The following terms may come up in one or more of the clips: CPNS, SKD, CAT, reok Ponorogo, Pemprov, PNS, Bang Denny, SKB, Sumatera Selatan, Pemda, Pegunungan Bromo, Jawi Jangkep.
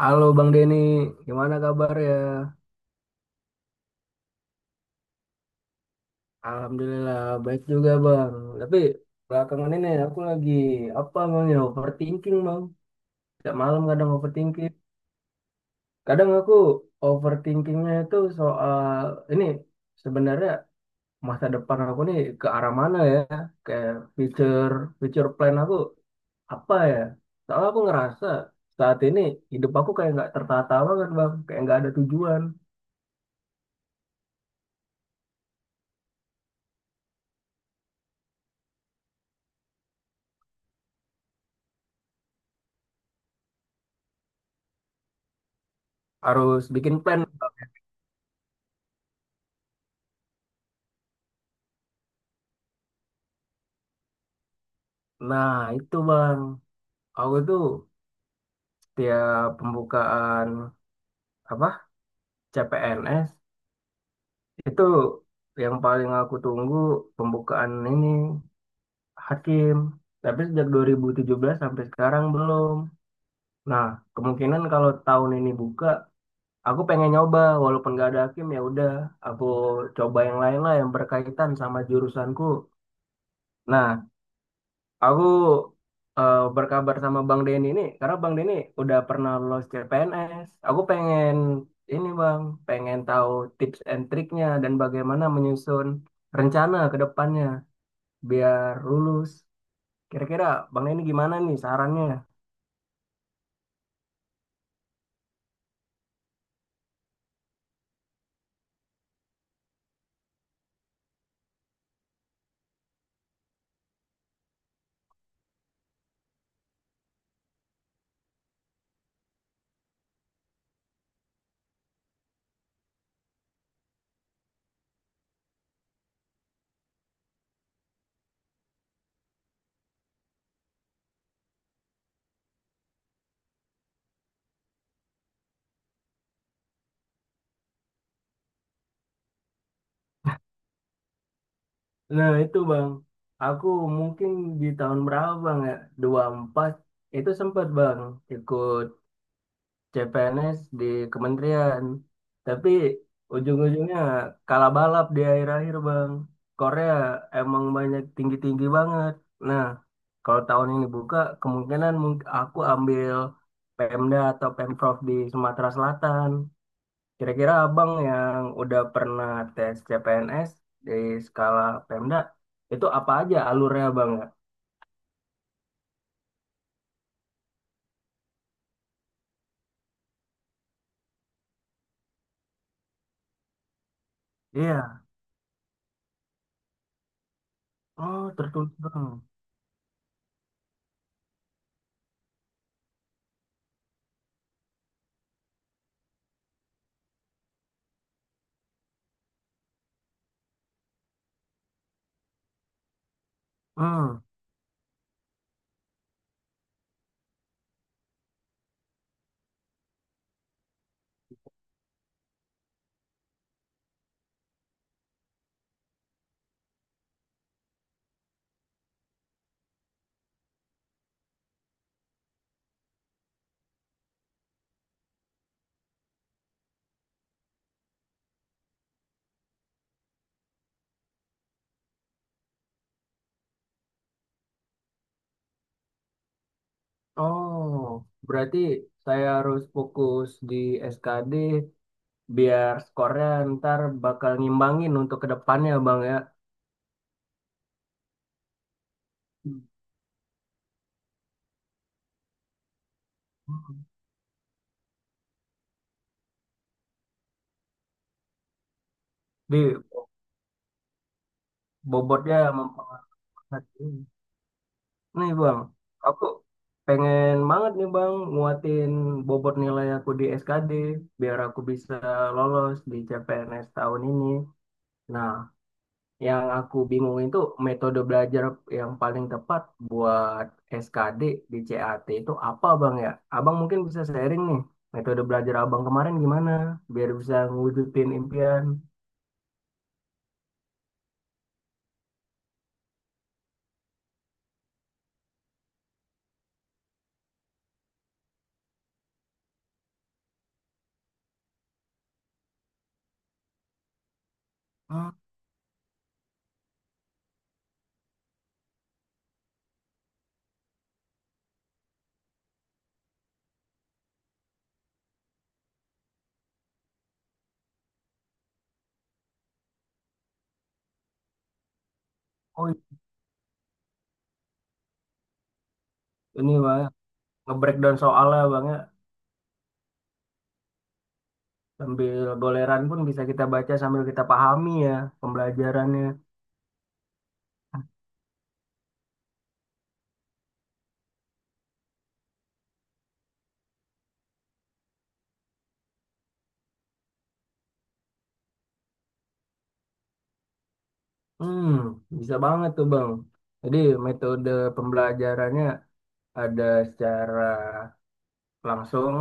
Halo Bang Denny, gimana kabar ya? Alhamdulillah baik juga Bang. Tapi belakangan ini aku lagi apa Bang ya overthinking Bang. Tiap malam kadang overthinking. Kadang aku overthinkingnya itu soal ini sebenarnya masa depan aku nih ke arah mana ya? Kayak future future plan aku apa ya? Soalnya aku ngerasa saat ini hidup aku kayak nggak tertata banget Bang, kayak nggak ada tujuan. Harus bikin plan. Nah itu Bang. Aku tuh tiap pembukaan apa CPNS itu yang paling aku tunggu pembukaan ini hakim. Tapi sejak 2017 sampai sekarang belum. Nah, kemungkinan kalau tahun ini buka, aku pengen nyoba walaupun gak ada hakim ya udah, aku coba yang lain lah yang berkaitan sama jurusanku. Nah, aku berkabar sama Bang Denny ini karena Bang Denny udah pernah lolos CPNS. Aku pengen ini Bang, pengen tahu tips and triknya dan bagaimana menyusun rencana ke depannya biar lulus. Kira-kira Bang Denny gimana nih sarannya? Nah itu Bang, aku mungkin di tahun berapa Bang ya? 24 itu sempat Bang ikut CPNS di kementerian. Tapi ujung-ujungnya kalah balap di akhir-akhir, Bang. Korea emang banyak tinggi-tinggi banget. Nah, kalau tahun ini buka, kemungkinan aku ambil Pemda atau Pemprov di Sumatera Selatan. Kira-kira Abang yang udah pernah tes CPNS di skala Pemda, itu apa aja alurnya, Bang, ya? Iya. Oh, tertutup, Bang. Hmm. Oh, berarti saya harus fokus di SKD biar skornya ntar bakal ngimbangin untuk kedepannya Bang ya. Hmm. Di bobotnya mempengaruhi. Nih Bang, aku pengen banget nih Bang nguatin bobot nilai aku di SKD biar aku bisa lolos di CPNS tahun ini. Nah, yang aku bingung itu metode belajar yang paling tepat buat SKD di CAT itu apa Bang ya? Abang mungkin bisa sharing nih metode belajar Abang kemarin gimana biar bisa ngewujudin impian. Hmm, oh ini Bang ya, nge-breakdown soalnya Bang ya. Sambil goleran pun bisa kita baca sambil kita pahami ya pembelajarannya. Hmm, bisa banget tuh Bang. Jadi metode pembelajarannya ada secara langsung,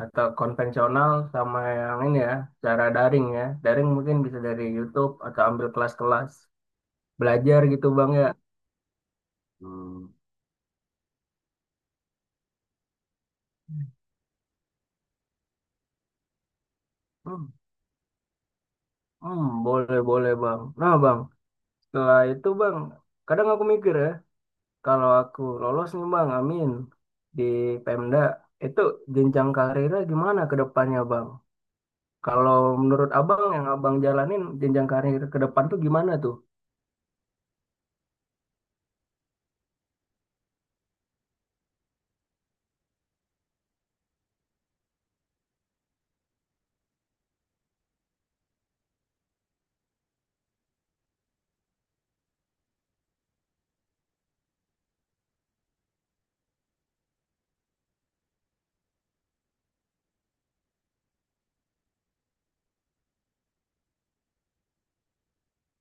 atau konvensional sama yang ini ya cara daring ya daring mungkin bisa dari YouTube atau ambil kelas-kelas belajar gitu bang ya. Hmm. Hmm, hmm, boleh boleh bang, nah bang setelah itu bang kadang aku mikir ya kalau aku lolos nih bang amin di Pemda itu jenjang karirnya gimana ke depannya bang, kalau menurut abang yang abang jalanin jenjang karir ke depan tuh gimana tuh.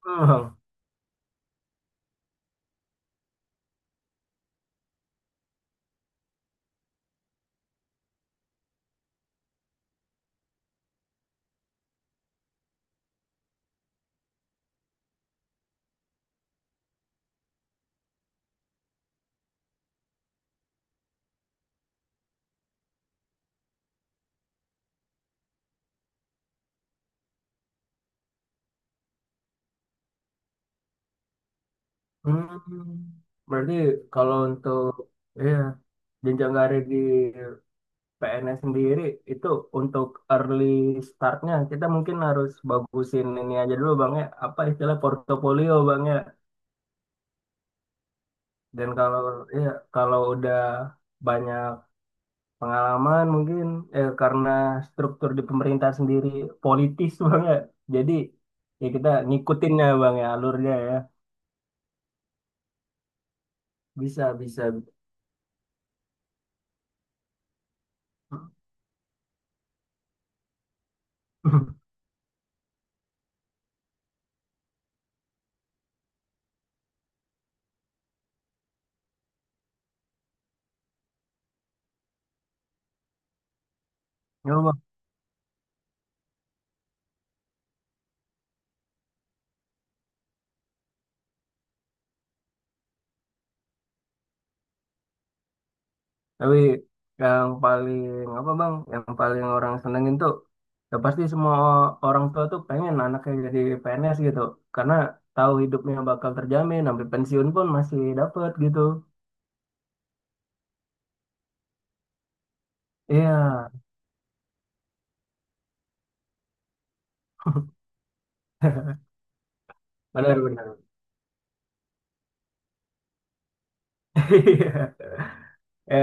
Hmm. Hmm. Berarti kalau untuk iya jenjang karir di PNS sendiri itu untuk early startnya kita mungkin harus bagusin ini aja dulu bang ya apa istilah portofolio bang ya, dan kalau ya kalau udah banyak pengalaman mungkin karena struktur di pemerintah sendiri politis bang ya, jadi ya kita ngikutin ya bang ya alurnya ya bisa bisa. Ya. Tapi yang paling apa bang, yang paling orang senengin tuh ya pasti semua orang tua tuh pengen anaknya jadi PNS gitu. Karena tahu hidupnya bakal terjamin, sampai pensiun pun masih dapet gitu. Iya, benar-benar. Iya. Ya,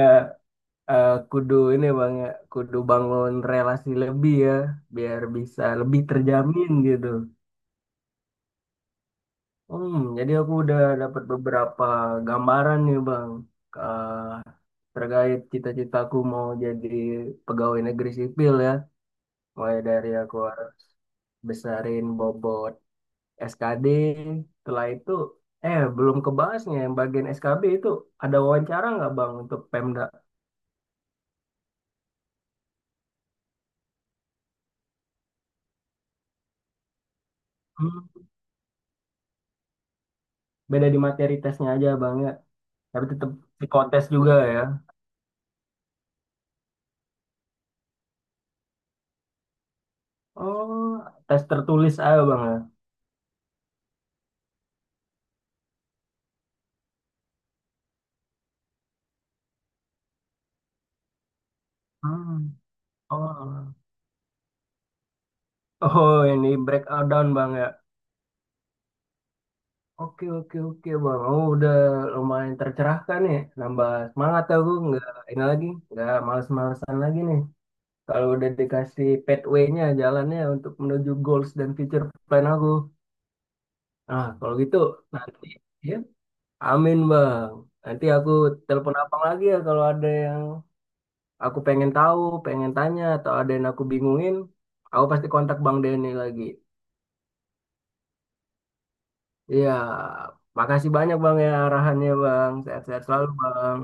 eh, kudu ini bang ya, kudu bangun relasi lebih ya, biar bisa lebih terjamin gitu. Hmm, jadi aku udah dapat beberapa gambaran nih bang, terkait cita-citaku mau jadi pegawai negeri sipil ya. Mulai dari aku harus besarin bobot SKD. Setelah itu, belum kebahasnya yang bagian SKB itu ada wawancara nggak Bang untuk Pemda? Hmm, beda di materi tesnya aja Bang ya. Tapi tetap psikotes juga ya. Oh, tes tertulis aja Bang ya. Hmm. Oh. Oh, ini breakdown Bang ya. Oke oke oke bang, oh udah lumayan tercerahkan ya, nambah semangat aku nggak ini lagi, nggak males-malesan lagi nih. Kalau udah dikasih pathway-nya, jalannya untuk menuju goals dan future plan aku. Nah kalau gitu nanti, ya, amin bang. Nanti aku telepon abang lagi ya kalau ada yang aku pengen tahu, pengen tanya atau ada yang aku bingungin, aku pasti kontak bang Denny lagi. Iya, makasih banyak bang ya arahannya bang, sehat-sehat selalu bang.